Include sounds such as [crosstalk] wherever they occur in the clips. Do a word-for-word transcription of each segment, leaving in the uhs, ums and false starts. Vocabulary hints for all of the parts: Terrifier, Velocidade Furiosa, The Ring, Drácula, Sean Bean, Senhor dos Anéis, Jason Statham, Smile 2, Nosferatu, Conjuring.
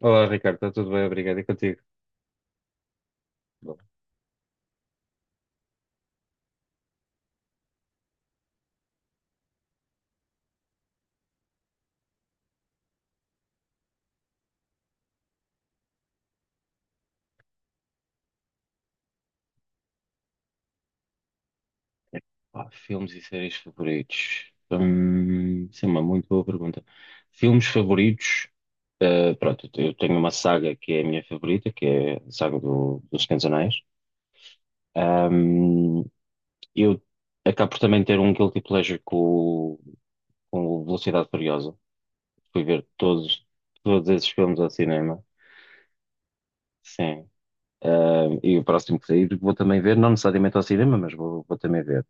Olá, Ricardo, está tudo bem? Obrigado. E contigo? Bom, pá, filmes e séries favoritos. Hum, sim, uma muito boa pergunta. Filmes favoritos, eh, pronto, eu tenho uma saga que é a minha favorita, que é a saga do, dos Senhor dos Anéis. Hum, eu acabo por também ter um guilty pleasure com, o- com o Velocidade Furiosa. Fui ver todos, todos esses filmes ao cinema. Sim. Hum, e o próximo que sair vou também ver, não necessariamente ao cinema, mas vou, vou também ver.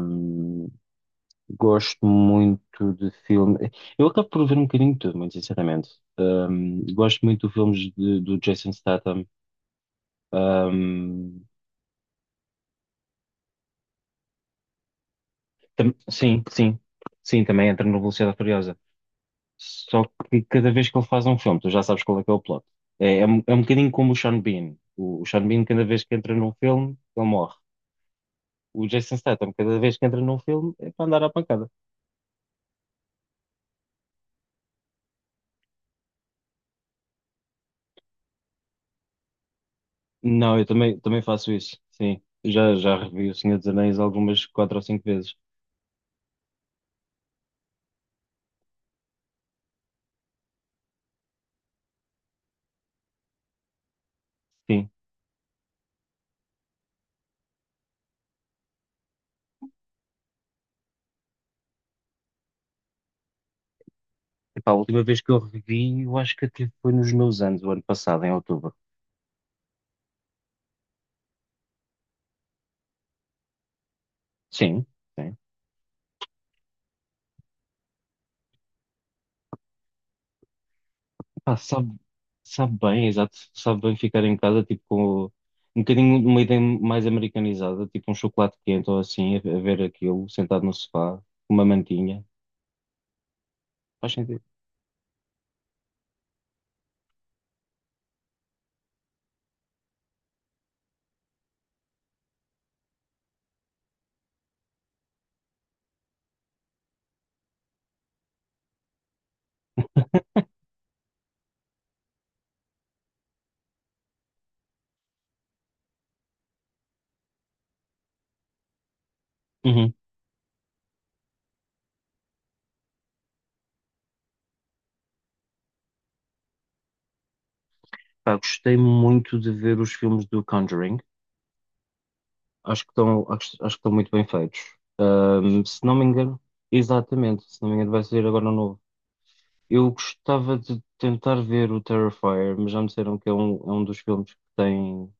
Hum. Gosto muito de filme. Eu acabo por ver um bocadinho de tudo, muito sinceramente. Um, gosto muito de filmes de- do Jason Statham. Um, tam- sim, sim. Sim, também entra no Velocidade Furiosa. Só que cada vez que ele faz um filme, tu já sabes qual é que é o plot. É, é, um é um bocadinho como o Sean Bean. O, o Sean Bean, cada vez que entra num filme, ele morre. O Jason Statham, cada vez que entra num filme, é para andar à pancada. Não, eu também, também faço isso. Sim. Já, já revi O Senhor dos Anéis algumas quatro ou cinco vezes. Sim. Epá, a última vez que eu revi, eu acho que até foi nos meus anos, o ano passado, em outubro. Sim, sim. Epá, sabe, sabe bem, exato, sabe bem ficar em casa, tipo, com um bocadinho de uma ideia mais americanizada, tipo um chocolate quente ou assim, a, a ver aquilo, sentado no sofá, com uma mantinha. Faz sentido. Uhum. Pá, gostei muito de ver os filmes do Conjuring. Acho que estão, acho, acho que estão muito bem feitos. Ahm, se não me engano, exatamente, se não me engano, vai sair agora um novo. Eu gostava de tentar ver o Terrifier, mas já me disseram que é um, é um dos filmes que tem,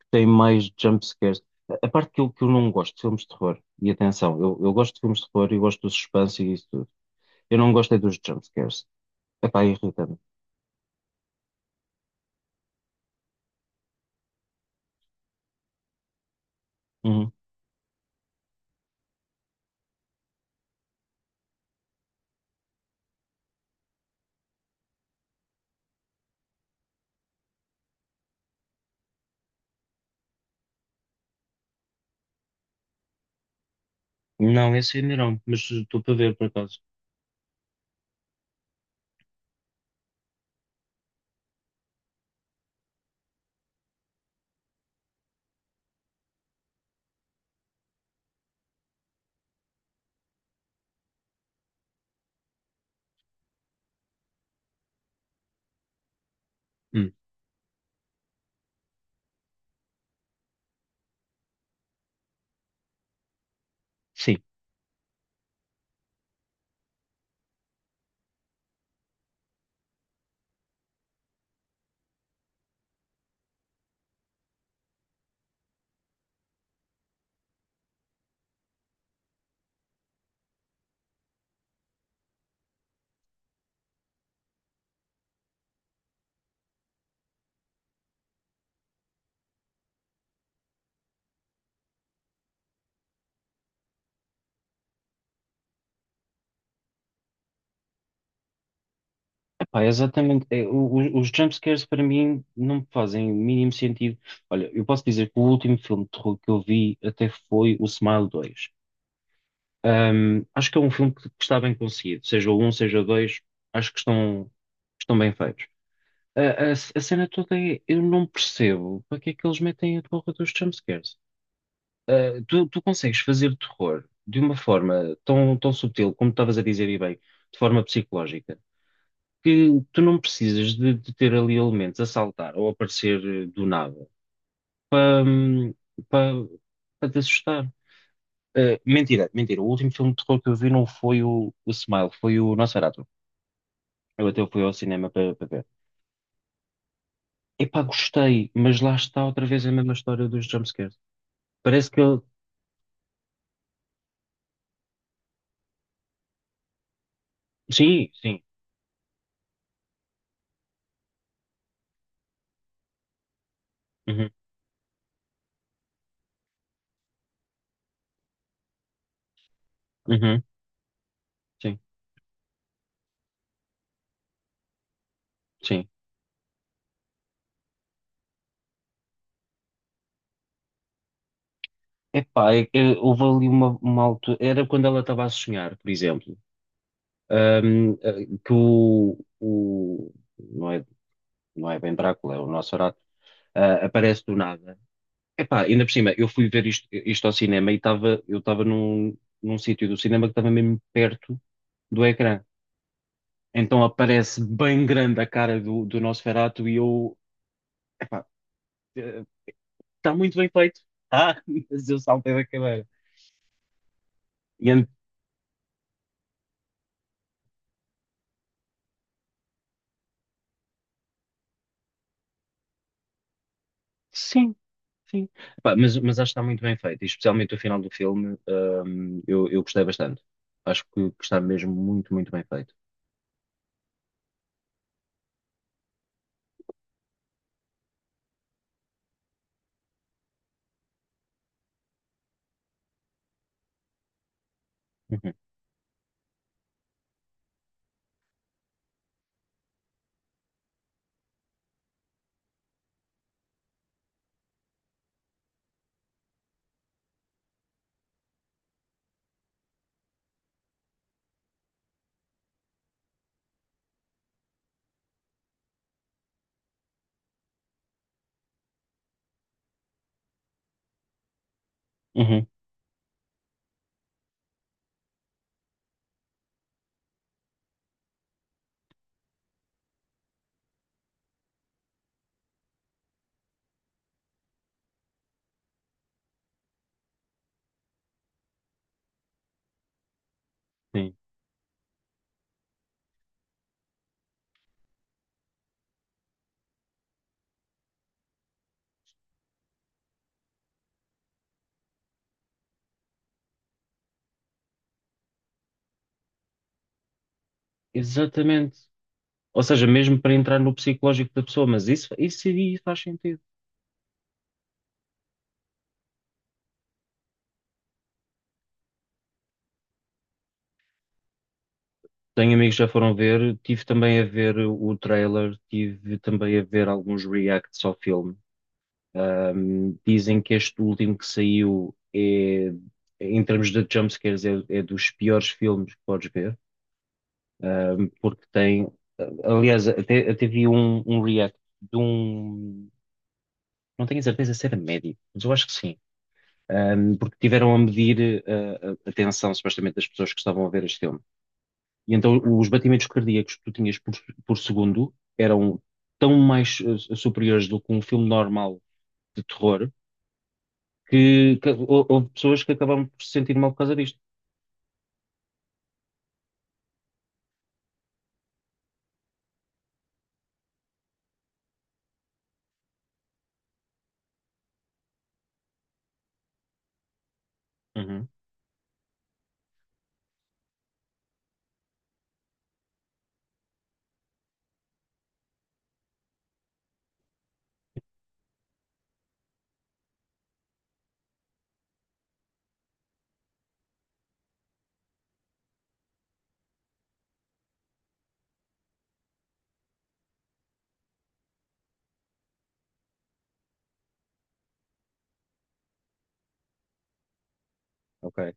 que tem mais jump. A a parte que eu, que eu não gosto de filmes de terror, e atenção, eu, eu gosto de filmes de terror e gosto do suspense e isso tudo. Eu não gosto é dos jump scares. Epá, irrita-me. Uhum. Não, esse ainda não, mas estou para ver por acaso. Hum. Sim, epá, exatamente. É, o- o- os jump para mim não me fazem o mínimo sentido. Olha, eu posso dizer que o último filme de terror que eu vi até foi o Smile dois. Um, acho que é um filme que, que está bem conseguido, seja o um, seja o dois, acho que estão, estão bem feitos. A, a- a cena toda é, eu não percebo para que é que eles metem a porra dos jumpscares. Uh, tu, tu consegues fazer terror de uma forma tão, tão subtil, como estavas a dizer e bem, de forma psicológica, que tu não precisas de, de ter ali elementos a saltar ou a aparecer eh, do nada para, hum, para, para te assustar. Uh, mentira, mentira. O último filme de terror que eu vi não foi o, o Smile, foi o Nosferatu. Eu até fui ao cinema para para ver. Epá, gostei, mas lá está outra vez a mesma história dos jumpscares. Parece que ele. Sim, sim. Uhum, uhum, sim, sim. Epá, é, é, houve ali uma, uma altura. Era quando ela estava a sonhar, por exemplo. Ahm, eh, que o, o. Não é, não é bem Drácula, é o Nosferatu. Ah, aparece do nada. Epá, ainda por cima, eu fui ver isto, isto ao cinema e estava, eu estava num, num sítio do cinema que estava mesmo perto do ecrã. Então aparece bem grande a cara do, do Nosferatu e eu, epá, está muito bem feito. Ah, [laughs] mas eu saltei da cadeira. E ent- sim, sim. Epá, mas, mas acho que está muito bem feito, e especialmente o final do filme, hum, eu, eu gostei bastante. Acho que, que está mesmo muito, muito bem feito. Uhum. Uhum, sim. Exatamente. Ou seja, mesmo para entrar no psicológico da pessoa, mas isso, isso aí faz sentido. Tenho amigos que já foram ver, tive também a ver o trailer, tive também a ver alguns reacts ao filme. Ahm, dizem que este último que saiu é, em termos de jumpscares, é, é dos piores filmes que podes ver, ahm, porque tem, aliás, até, até vi um, um react de um, não tenho a certeza se era médico, mas eu acho que sim um, porque tiveram a medir uh, a, a tensão, supostamente, das pessoas que estavam a ver este filme. E então os batimentos cardíacos que tu tinhas por, por segundo eram tão mais uh, superiores do que um filme normal de terror, que, que hou- houve pessoas que acabaram por se sentir mal por causa disto. Uhum, ok,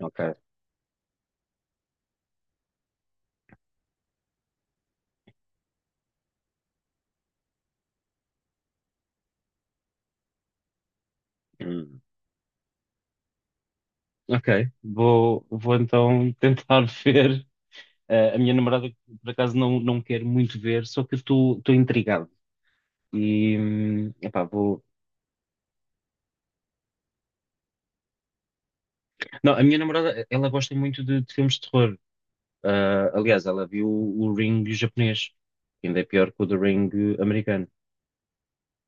ok. Hum, ok, vou, vou então tentar [laughs] ver. Eh, a minha namorada, por acaso, não, não quer muito ver, só que eu estou intrigado. E, hum, epá, vou. Não, a minha namorada, ela gosta muito de, de filmes de terror. Ah, aliás, ela viu o Ring japonês, que ainda é pior que o The Ring americano.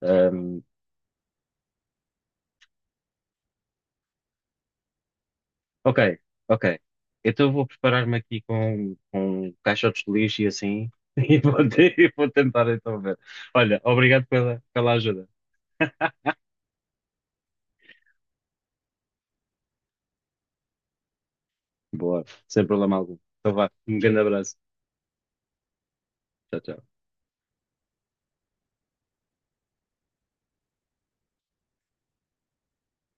Ahm, ok, ok. Então eu vou preparar-me aqui com, com caixotes de lixo e assim, [laughs] e vou, te- e vou tentar então ver. Olha, obrigado pela, pela ajuda. Boa, sem problema algum. Então vá, um grande abraço. Tchau, tchau.